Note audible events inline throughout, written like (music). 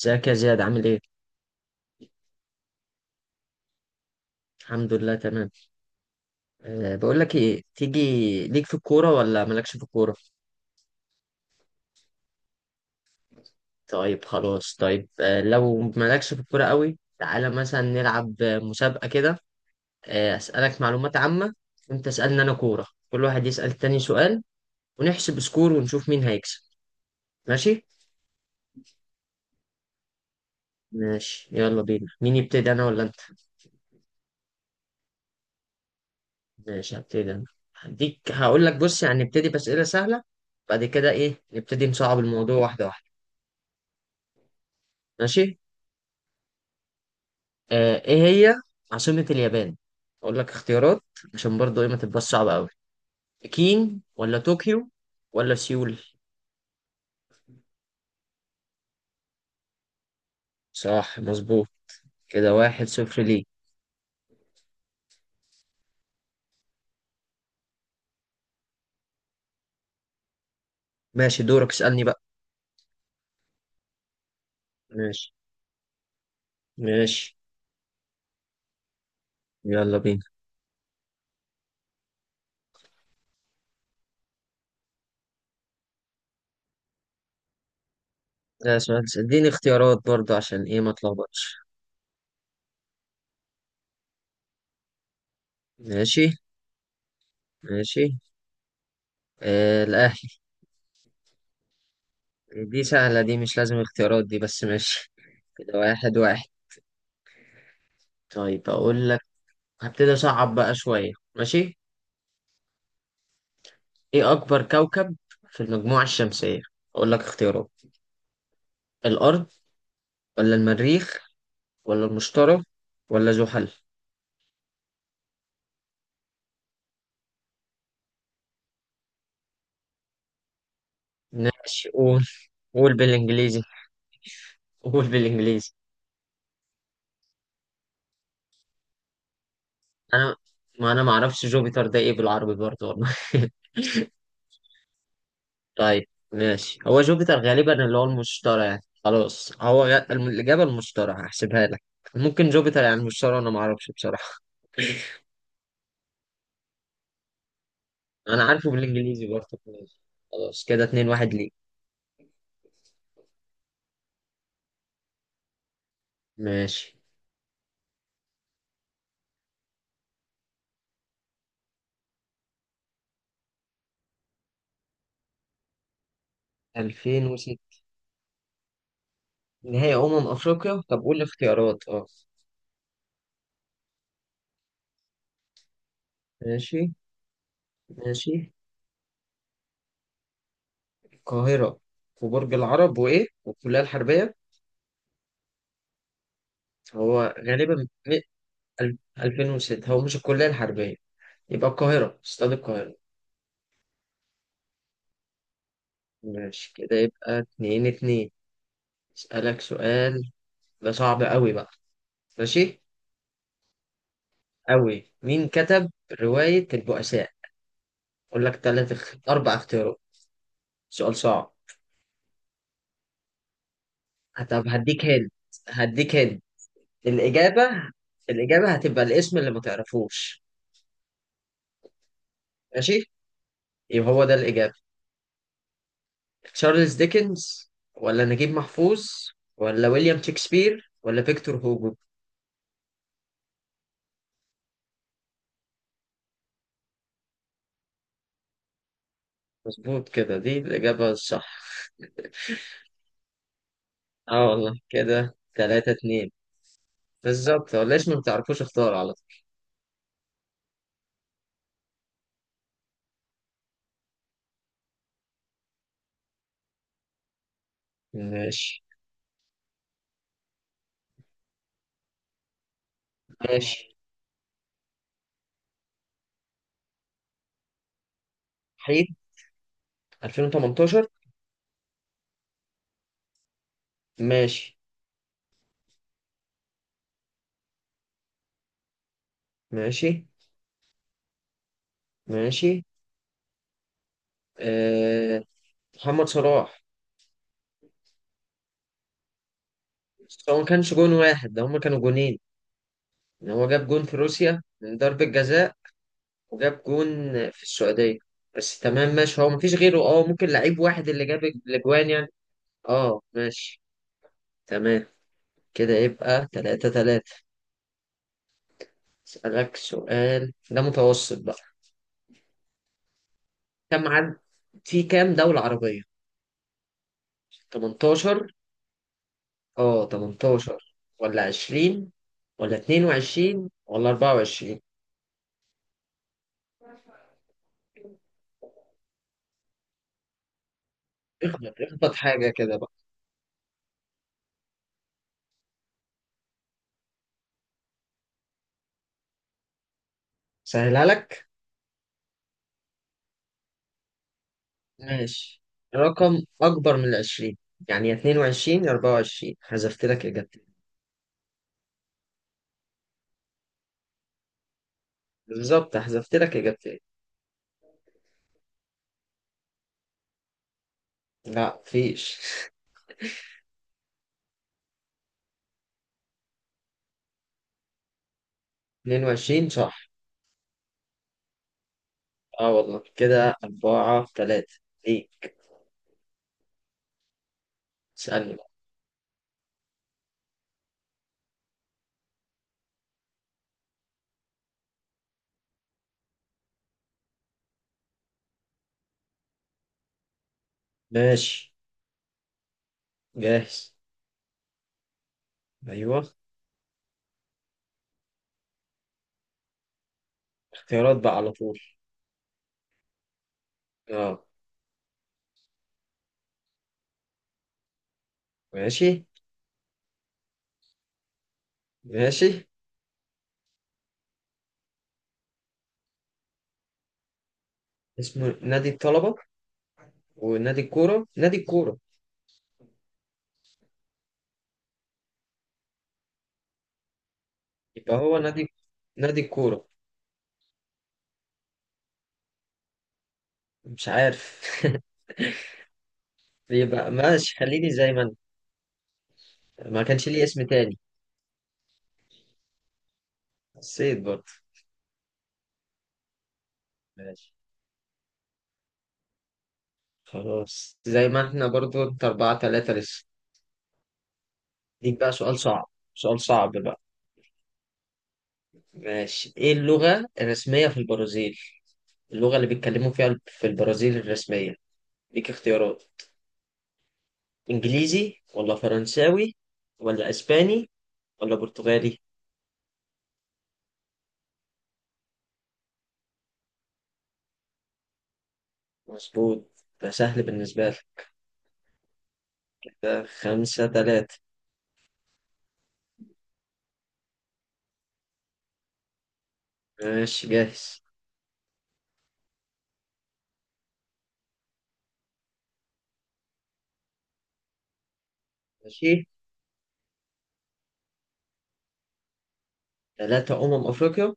ازيك يا زياد عامل ايه؟ الحمد لله تمام. أه، بقول لك ايه، تيجي ليك في الكورة ولا مالكش في الكورة؟ طيب خلاص، طيب أه لو مالكش في الكورة قوي تعالى مثلا نلعب مسابقة كده. أه اسألك معلومات عامة، وانت اسألني انا كورة، كل واحد يسأل التاني سؤال ونحسب سكور ونشوف مين هيكسب. ماشي؟ ماشي، يلا بينا. مين يبتدي، انا ولا انت؟ ماشي، هبتدي انا. هديك، هقول لك بص يعني نبتدي بأسئلة سهلة، بعد كده ايه نبتدي نصعب الموضوع واحدة واحدة. ماشي؟ ايه هي عاصمة اليابان؟ اقول لك اختيارات عشان برضو ايه ما تبقاش صعبة قوي. بكين ولا طوكيو ولا سيول؟ صح، مظبوط. كده واحد صفر ليه. ماشي، دورك اسألني بقى. ماشي. ماشي، يلا بينا. لا، سؤال اديني اختيارات برضو عشان ايه ما اتلخبطش. ماشي. ماشي، آه الاهلي. دي سهلة دي، مش لازم اختيارات دي، بس ماشي. كده واحد واحد. طيب اقول لك، هبتدي اصعب بقى شوية، ماشي. ايه اكبر كوكب في المجموعة الشمسية؟ اقول لك اختيارات: الارض ولا المريخ ولا المشتري ولا زحل؟ ماشي قول، قول بالانجليزي. (laughs) قول بالانجليزي. انا، ما انا ما اعرفش جوبيتر ده ايه بالعربي برضه والله. (laughs) طيب ماشي، هو جوبيتر غالبا اللي هو المشتري يعني خلاص، الاجابة المشتري، هحسبها لك. ممكن جوبيتر يعني المشتري، انا ما اعرفش بصراحة. انا عارفه بالانجليزي برضه، ماشي. خلاص كده اتنين واحد ليه. ماشي. 2006 نهائي أمم أفريقيا، طب قول الاختيارات اه. ماشي. ماشي. القاهرة وبرج العرب وإيه والكلية الحربية. هو غالبا م- أل- 2006 هو مش الكلية الحربية، يبقى القاهرة، استاد القاهرة. ماشي، كده يبقى اتنين اتنين. أسألك سؤال ده صعب أوي بقى، ماشي. أوي، مين كتب رواية البؤساء؟ أقول لك تلات اخ- أربع اختيارات، سؤال صعب. طب هديك هند، هديك هند. الإجابة، الإجابة هتبقى الاسم اللي ما تعرفوش، ماشي. يبقى هو ده الإجابة: تشارلز ديكنز ولا نجيب محفوظ ولا ويليام شكسبير ولا فيكتور هوجو؟ مظبوط كده، دي الإجابة الصح. اه والله، كده تلاتة اتنين. بالظبط، هو الاسم ما تعرفوش اختار على طول. ماشي. ماشي. حيد. 2018. ماشي. ماشي. ماشي. آه... محمد صلاح. بس هو ما كانش جون واحد ده، هما كانوا جونين، ان هو جاب جون في روسيا من ضربة جزاء وجاب جون في السعودية، بس تمام ماشي، هو مفيش غيره اه، ممكن لعيب واحد اللي جاب الاجوان يعني. اه ماشي، تمام. كده يبقى تلاتة تلاتة. اسألك سؤال ده متوسط بقى. كم عدد، في كام دولة عربية؟ 18. اه 18 ولا 20 ولا 22 ولا 24؟ اخبط حاجة كده بقى، سهلها لك. ماشي، رقم أكبر من العشرين يعني، يا 22 يا 24، حذفت لك إجابتين. بالظبط، حذفت لك إجابتين. لا، فيش. (laughs) 22 صح. اه والله، كده أربعة تلاتة. ليك. اسألني بقى. ماشي جاهز. أيوه. اختيارات بقى على طول. اه. ماشي. ماشي. اسمه نادي الطلبة ونادي الكورة، نادي الكورة. يبقى هو نادي، نادي الكورة. مش عارف. (laughs) يبقى ماشي، خليني زي ما انا. ما كانش ليه اسم تاني. حسيت برضه. ماشي. خلاص، زي ما احنا برضه، انت أربعة تلاتة لسه. ديك بقى سؤال صعب، سؤال صعب بقى. ماشي، ايه اللغة الرسمية في البرازيل؟ اللغة اللي بيتكلموا فيها في البرازيل الرسمية. ليك اختيارات: انجليزي ولا فرنساوي ولا اسباني ولا برتغالي؟ مظبوط، ده سهل بالنسبة لك. ده خمسة تلاتة. ماشي جاهز. ماشي. تلاتة أمم أفريقيا.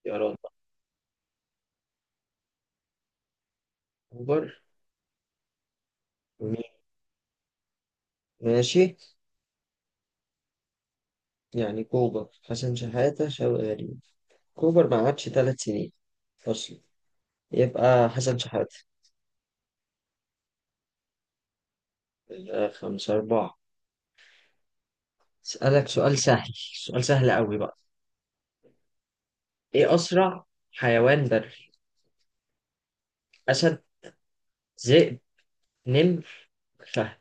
اختيارات. أكبر. ماشي. يعني كوبر، حسن شحاتة، شوقي غريب. كوبر ما قعدش ثلاث سنين أصلا، يبقى حسن شحاتة. يبقى خمسة أربعة. أسألك سؤال سهل، سؤال سهل قوي بقى. إيه أسرع حيوان بري؟ أسد، ذئب، نمر، فهد.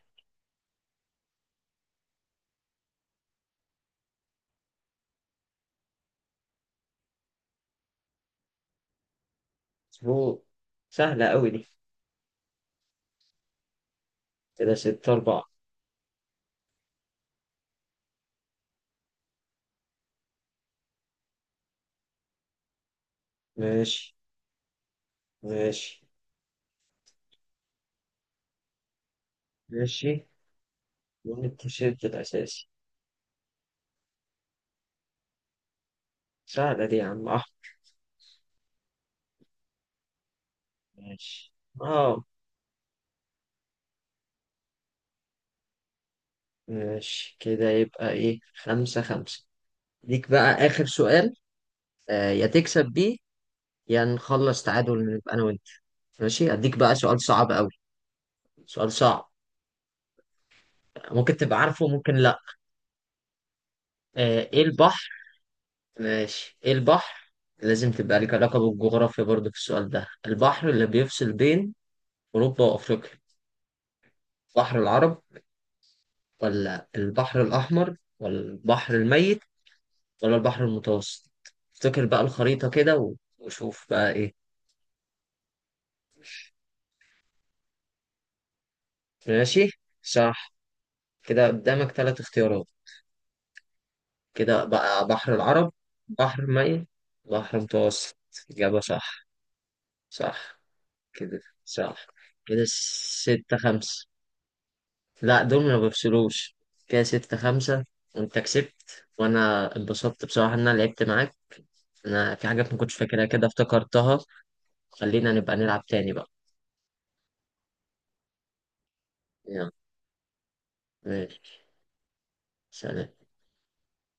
مظبوط، سهلة قوي دي. كده ستة أربعة. ماشي. ماشي. ماشي. لون التيشيرت الأساسي. سهلة دي يا عم أحمد. ماشي. آه. ماشي، كده يبقى إيه خمسة خمسة. ليك بقى آخر سؤال، يا تكسب بيه يا نخلص تعادل نبقى انا وانت. ماشي، اديك بقى سؤال صعب قوي، سؤال صعب، ممكن تبقى عارفه ممكن لا. ايه البحر، ماشي ايه البحر، لازم تبقى لك علاقة بالجغرافيا برضو في السؤال ده. البحر اللي بيفصل بين اوروبا وافريقيا، بحر العرب ولا البحر الاحمر ولا البحر الميت ولا البحر المتوسط؟ افتكر بقى الخريطة كده وشوف بقى ايه. ماشي. صح. كده قدامك ثلاث اختيارات. كده بقى بحر العرب، بحر ميت، بحر متوسط. إجابة صح. صح. كده صح. كده ستة خمسة. لا، دول ما بفصلوش. كده ستة خمسة، وأنت كسبت وأنا اتبسطت بصراحة إن أنا لعبت معاك. أنا في حاجات ما كنتش فاكرها كده افتكرتها. خلينا نبقى نلعب تاني بقى. يلا. ماشي. سلام.